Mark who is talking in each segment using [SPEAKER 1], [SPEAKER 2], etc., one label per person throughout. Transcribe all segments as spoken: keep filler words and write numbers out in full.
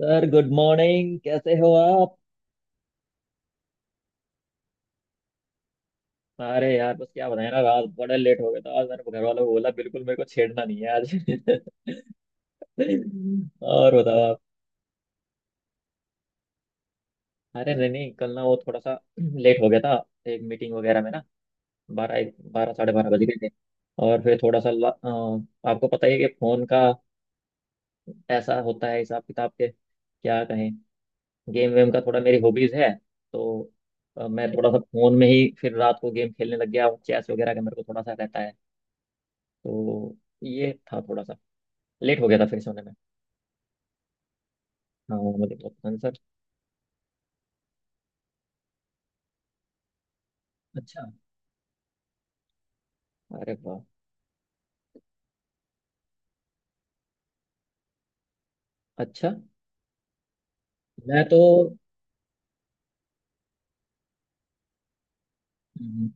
[SPEAKER 1] Sir good morning, कैसे हो आप। अरे यार, बस क्या बताएं ना, रात बड़ा लेट हो गया था। आज मैंने घर वालों को बोला बिल्कुल मेरे को छेड़ना नहीं है आज। और बताओ आप। अरे नहीं नहीं, कल ना वो थोड़ा सा लेट हो गया था। एक मीटिंग वगैरह में ना, बारह एक बारह साढ़े बारह बज गए थे। और फिर थोड़ा सा ला- अ, आपको पता ही है कि फोन का ऐसा होता है, हिसाब किताब के क्या कहें। गेम वेम का थोड़ा मेरी हॉबीज है तो अ, मैं थोड़ा सा फोन में ही फिर रात को गेम खेलने लग गया। चेस वगैरह का मेरे को थोड़ा सा रहता है, तो ये था थोड़ा सा। लेट हो गया था फिर सोने में। हाँ, मुझे तो आंसर। अच्छा। अरे वाह। अच्छा। मैं तो। हम्म,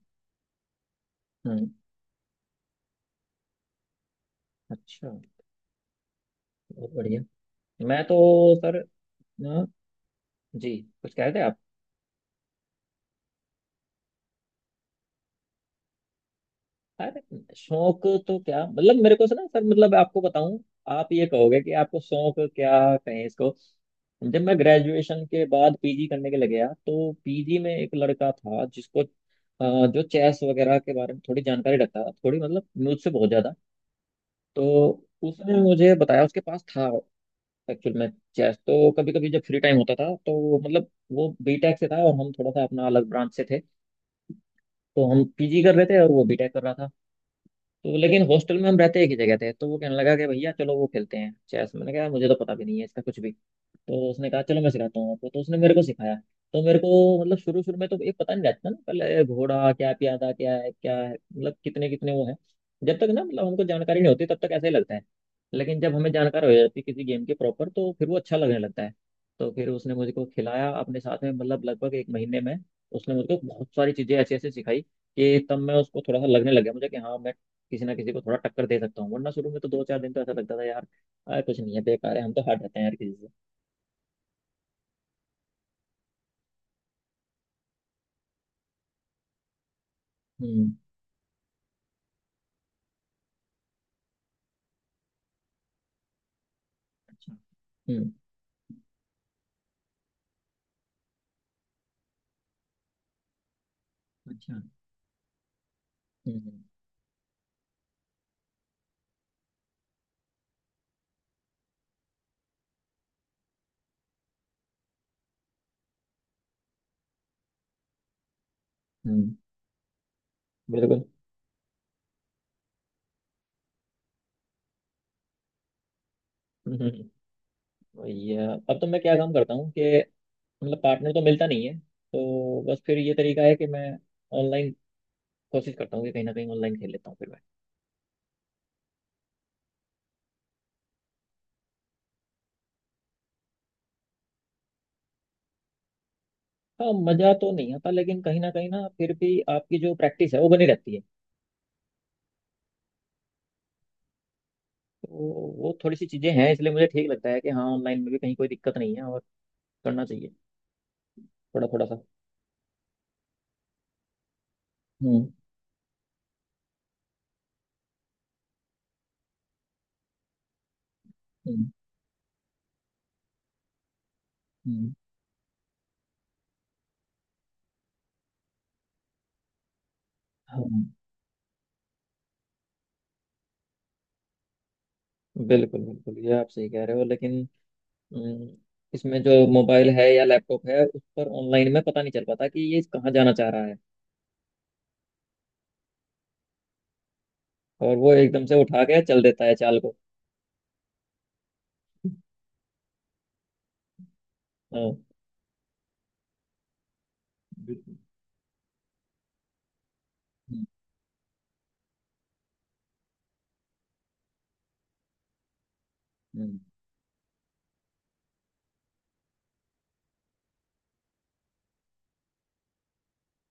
[SPEAKER 1] हम्म, अच्छा। बहुत बढ़िया। मैं तो सर। हाँ, जी, कुछ कह रहे थे आप। अरे शौक तो क्या मतलब, मेरे को से ना सर, मतलब आपको बताऊं। आप ये कहोगे कि आपको शौक क्या कहें इसको। जब मैं ग्रेजुएशन के बाद पीजी करने के लिए गया, तो पीजी में एक लड़का था जिसको अ, जो चेस वगैरह के बारे में थोड़ी जानकारी रखता था। थोड़ी मतलब मुझसे बहुत ज्यादा, तो उसने मुझे बताया उसके पास था एक्चुअल में। चेस तो कभी कभी जब फ्री टाइम होता था, तो वो मतलब वो बीटेक से था और हम थोड़ा सा अपना अलग ब्रांच से थे। तो हम पीजी कर रहे थे और वो बीटेक कर रहा था। तो लेकिन हॉस्टल में हम रहते एक ही जगह थे, तो वो कहने लगा कि भैया चलो वो खेलते हैं चेस। मैंने कहा मुझे तो पता भी नहीं है इसका कुछ भी, तो उसने कहा चलो मैं सिखाता हूँ आपको, तो उसने मेरे को सिखाया। तो मेरे को मतलब शुरू शुरू में तो एक पता नहीं रहता ना, पहले घोड़ा क्या प्यादा क्या है क्या है, मतलब कितने कितने वो है। जब तक ना मतलब हमको जानकारी नहीं होती तब तक ऐसा ही लगता है। लेकिन जब हमें जानकारी हो जाती है किसी गेम की प्रॉपर, तो फिर वो अच्छा लगने लगता है। तो फिर उसने मुझको खिलाया अपने साथ में, मतलब लगभग एक महीने में उसने मुझको बहुत सारी चीजें ऐसी ऐसी सिखाई कि तब मैं उसको थोड़ा सा लगने लग गया मुझे कि हाँ मैं किसी ना किसी को थोड़ा टक्कर दे सकता हूँ। वरना शुरू में तो दो चार दिन तो ऐसा लगता था यार, आ, कुछ नहीं है, बेकार है, हम तो हट जाते हैं यार किसी से। हम्म। अच्छा। हम्म। अच्छा। हम्म। हम्म। बिल्कुल। हम्म, वही है। अब तो मैं क्या काम करता हूँ कि मतलब पार्टनर तो मिलता नहीं है, तो बस फिर ये तरीका है कि मैं ऑनलाइन कोशिश करता हूँ कि कहीं ना कहीं ऑनलाइन खेल लेता हूँ फिर मैं। हाँ, मजा तो नहीं आता, लेकिन कहीं ना कहीं ना फिर भी आपकी जो प्रैक्टिस है वो बनी रहती है। तो वो थोड़ी सी चीजें हैं, इसलिए मुझे ठीक लगता है कि हाँ ऑनलाइन में भी कहीं कोई दिक्कत नहीं है, और करना चाहिए थोड़ा थोड़ा सा। हम्म। हम्म। हम्म। हाँ, हम्म, बिल्कुल बिल्कुल, ये आप सही कह रहे हो, लेकिन अम, इसमें जो मोबाइल है या लैपटॉप है, उस पर ऑनलाइन में पता नहीं चल पाता कि ये कहाँ जाना चाह रहा है, और वो एकदम से उठा के चल देता है चाल को। हाँ। बिल्कुल। हम्म। हम्म।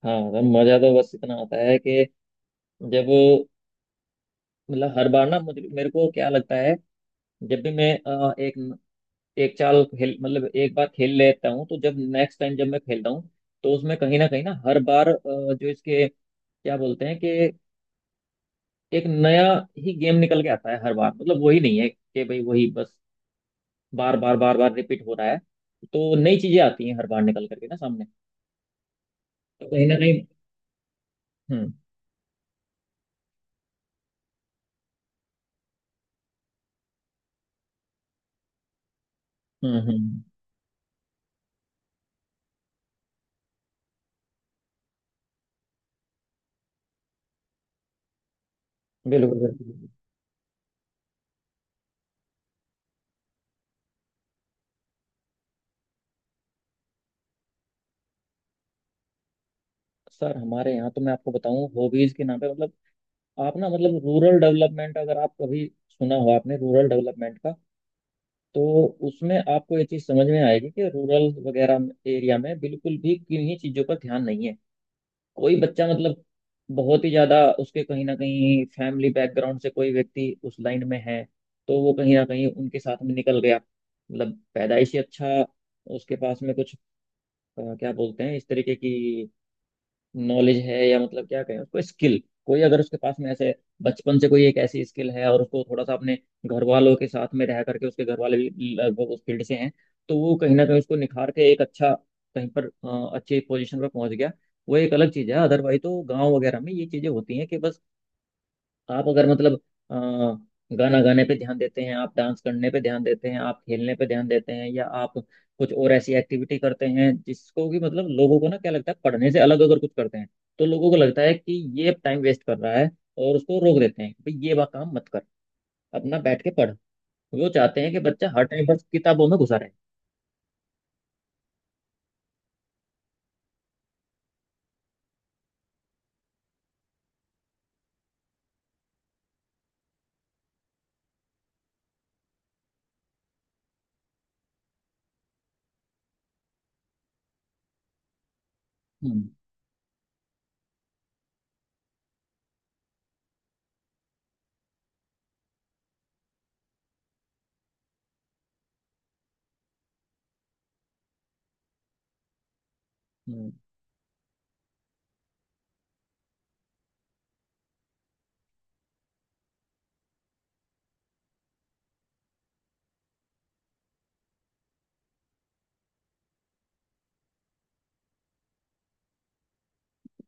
[SPEAKER 1] हाँ, तो मजा तो बस इतना आता है कि जब मतलब हर बार ना मुझे मेरे को क्या लगता है, जब भी मैं अ, एक एक चाल खेल मतलब एक बार खेल लेता हूँ, तो जब नेक्स्ट टाइम जब मैं खेलता हूँ, तो उसमें कहीं ना कहीं ना हर बार अ, जो इसके क्या बोलते हैं कि एक नया ही गेम निकल के आता है हर बार, मतलब वही नहीं है कि भाई वही बस बार बार बार बार रिपीट हो रहा है। तो नई चीजें आती हैं हर बार निकल करके ना सामने, तो कहीं ना कहीं। हम्म। हम्म। हम्म। बिल्कुल बिल्कुल। सर हमारे यहाँ तो मैं आपको बताऊं, हॉबीज के नाम पे मतलब, आप ना मतलब रूरल डेवलपमेंट, अगर आप कभी सुना हो आपने रूरल डेवलपमेंट का, तो उसमें आपको ये चीज समझ में आएगी कि रूरल वगैरह एरिया में बिल्कुल भी किन्हीं चीजों पर ध्यान नहीं है। कोई बच्चा मतलब बहुत ही ज्यादा उसके कहीं ना कहीं फैमिली बैकग्राउंड से कोई व्यक्ति उस लाइन में है, तो वो कहीं ना कहीं उनके साथ में निकल गया, मतलब पैदाइश ही अच्छा। उसके पास में कुछ अ, क्या बोलते हैं इस तरीके की नॉलेज है, या मतलब क्या कहें उसको स्किल, कोई अगर उसके पास में ऐसे बचपन से कोई एक ऐसी स्किल है, और उसको थोड़ा सा अपने घर वालों के साथ में रह करके, उसके घर वाले भी लगभग उस फील्ड से हैं, तो वो कहीं ना कहीं उसको निखार के एक अच्छा कहीं पर अ, अच्छी पोजीशन पर पहुंच गया। वो एक अलग चीज़ है। अदरवाइज तो गांव वगैरह में ये चीज़ें होती हैं कि बस आप अगर मतलब अ, गाना गाने पे ध्यान देते हैं, आप डांस करने पे ध्यान देते हैं, आप खेलने पे ध्यान देते हैं, या आप कुछ और ऐसी एक्टिविटी करते हैं जिसको कि मतलब लोगों को ना क्या लगता है, पढ़ने से अलग अगर कुछ करते हैं, तो लोगों को लगता है कि ये टाइम वेस्ट कर रहा है, और उसको रोक देते हैं कि भाई ये वाला काम मत कर, अपना बैठ के पढ़। वो चाहते हैं कि बच्चा हर टाइम बस किताबों में घुसा रहे। हम्म। हम्म।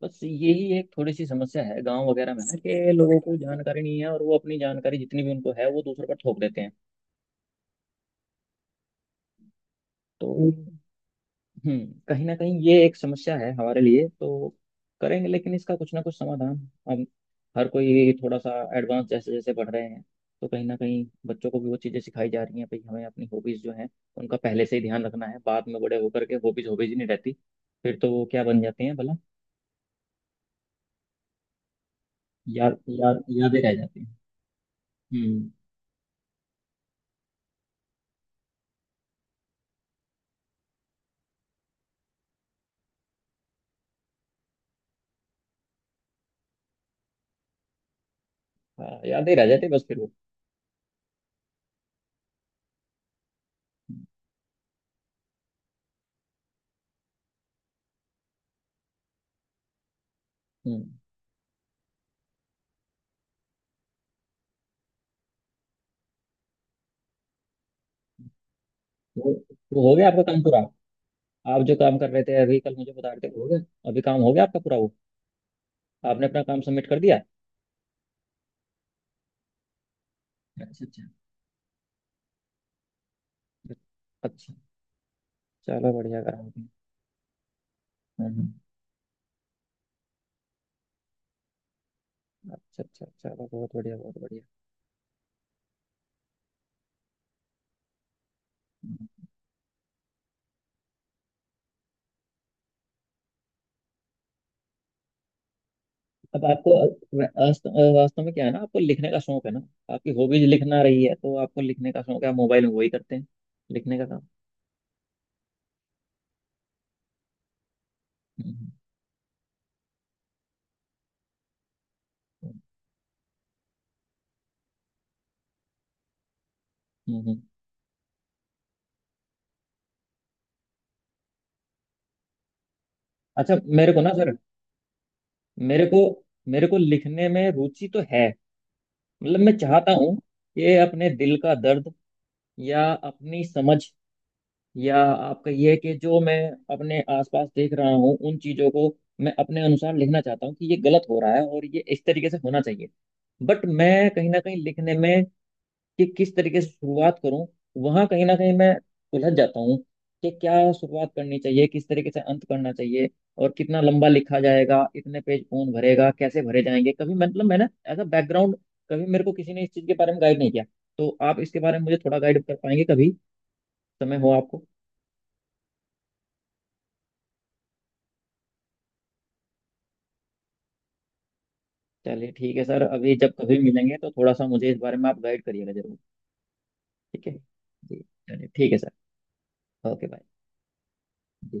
[SPEAKER 1] बस यही एक थोड़ी सी समस्या है गांव वगैरह में ना, कि लोगों को जानकारी नहीं है, और वो अपनी जानकारी जितनी भी उनको है वो दूसरों पर थोप देते हैं। तो हम्म, कहीं ना कहीं ये एक समस्या है, हमारे लिए तो करेंगे लेकिन इसका कुछ ना कुछ समाधान। हम हर कोई थोड़ा सा एडवांस जैसे जैसे बढ़ रहे हैं, तो कहीं ना कहीं बच्चों को भी वो चीज़ें सिखाई जा रही हैं, भाई हमें अपनी हॉबीज़ जो हैं उनका पहले से ही ध्यान रखना है। बाद में बड़े होकर के हॉबीज़ हॉबीज़ ही नहीं रहती, फिर तो वो क्या बन जाते हैं भला, याद याद यादें रह जाती हैं। हम्म। हाँ, यादें रह जाती हैं बस फिर वो। हम्म। वो वो हो गया आपका काम पूरा, आप जो काम कर रहे थे अभी कल मुझे बता रहे थे, वो हो गया अभी, काम हो गया आपका पूरा वो, आपने अपना काम सबमिट कर दिया। अच्छा अच्छा। अच्छा, चलो बढ़िया, कराओगे। हम्म, अच्छा अच्छा, चलो बहुत बढ़िया बहुत बढ़िया। हम्म। अब आपको वास्तव वास्तव में क्या है ना, आपको लिखने का शौक है ना, आपकी हॉबीज लिखना रही है, तो आपको लिखने का शौक है, आप मोबाइल में वही करते हैं, लिखने का काम। हम्म, हम्म, हम्म। अच्छा। मेरे को ना सर, मेरे को मेरे को लिखने में रुचि तो है, मतलब मैं चाहता हूँ कि अपने दिल का दर्द या अपनी समझ, या आपका ये है कि जो मैं अपने आसपास देख रहा हूँ उन चीजों को, मैं अपने अनुसार लिखना चाहता हूँ, कि ये गलत हो रहा है और ये इस तरीके से होना चाहिए। बट मैं कहीं ना कहीं लिखने में, कि किस तरीके से शुरुआत करूँ, वहाँ कहीं ना कहीं मैं उलझ जाता हूँ, कि क्या शुरुआत करनी चाहिए, किस तरीके से अंत करना चाहिए, और कितना लंबा लिखा जाएगा, इतने पेज कौन भरेगा, कैसे भरे जाएंगे। कभी मतलब मैंने एज अ बैकग्राउंड, कभी मेरे को किसी ने इस चीज के बारे में गाइड नहीं किया, तो आप इसके बारे में मुझे थोड़ा गाइड कर पाएंगे, कभी समय हो आपको। चलिए ठीक है सर, अभी जब कभी मिलेंगे तो थोड़ा सा मुझे इस बारे में आप गाइड करिएगा जरूर। ठीक है। जी। चलिए ठीक है सर। Okay bye. जी।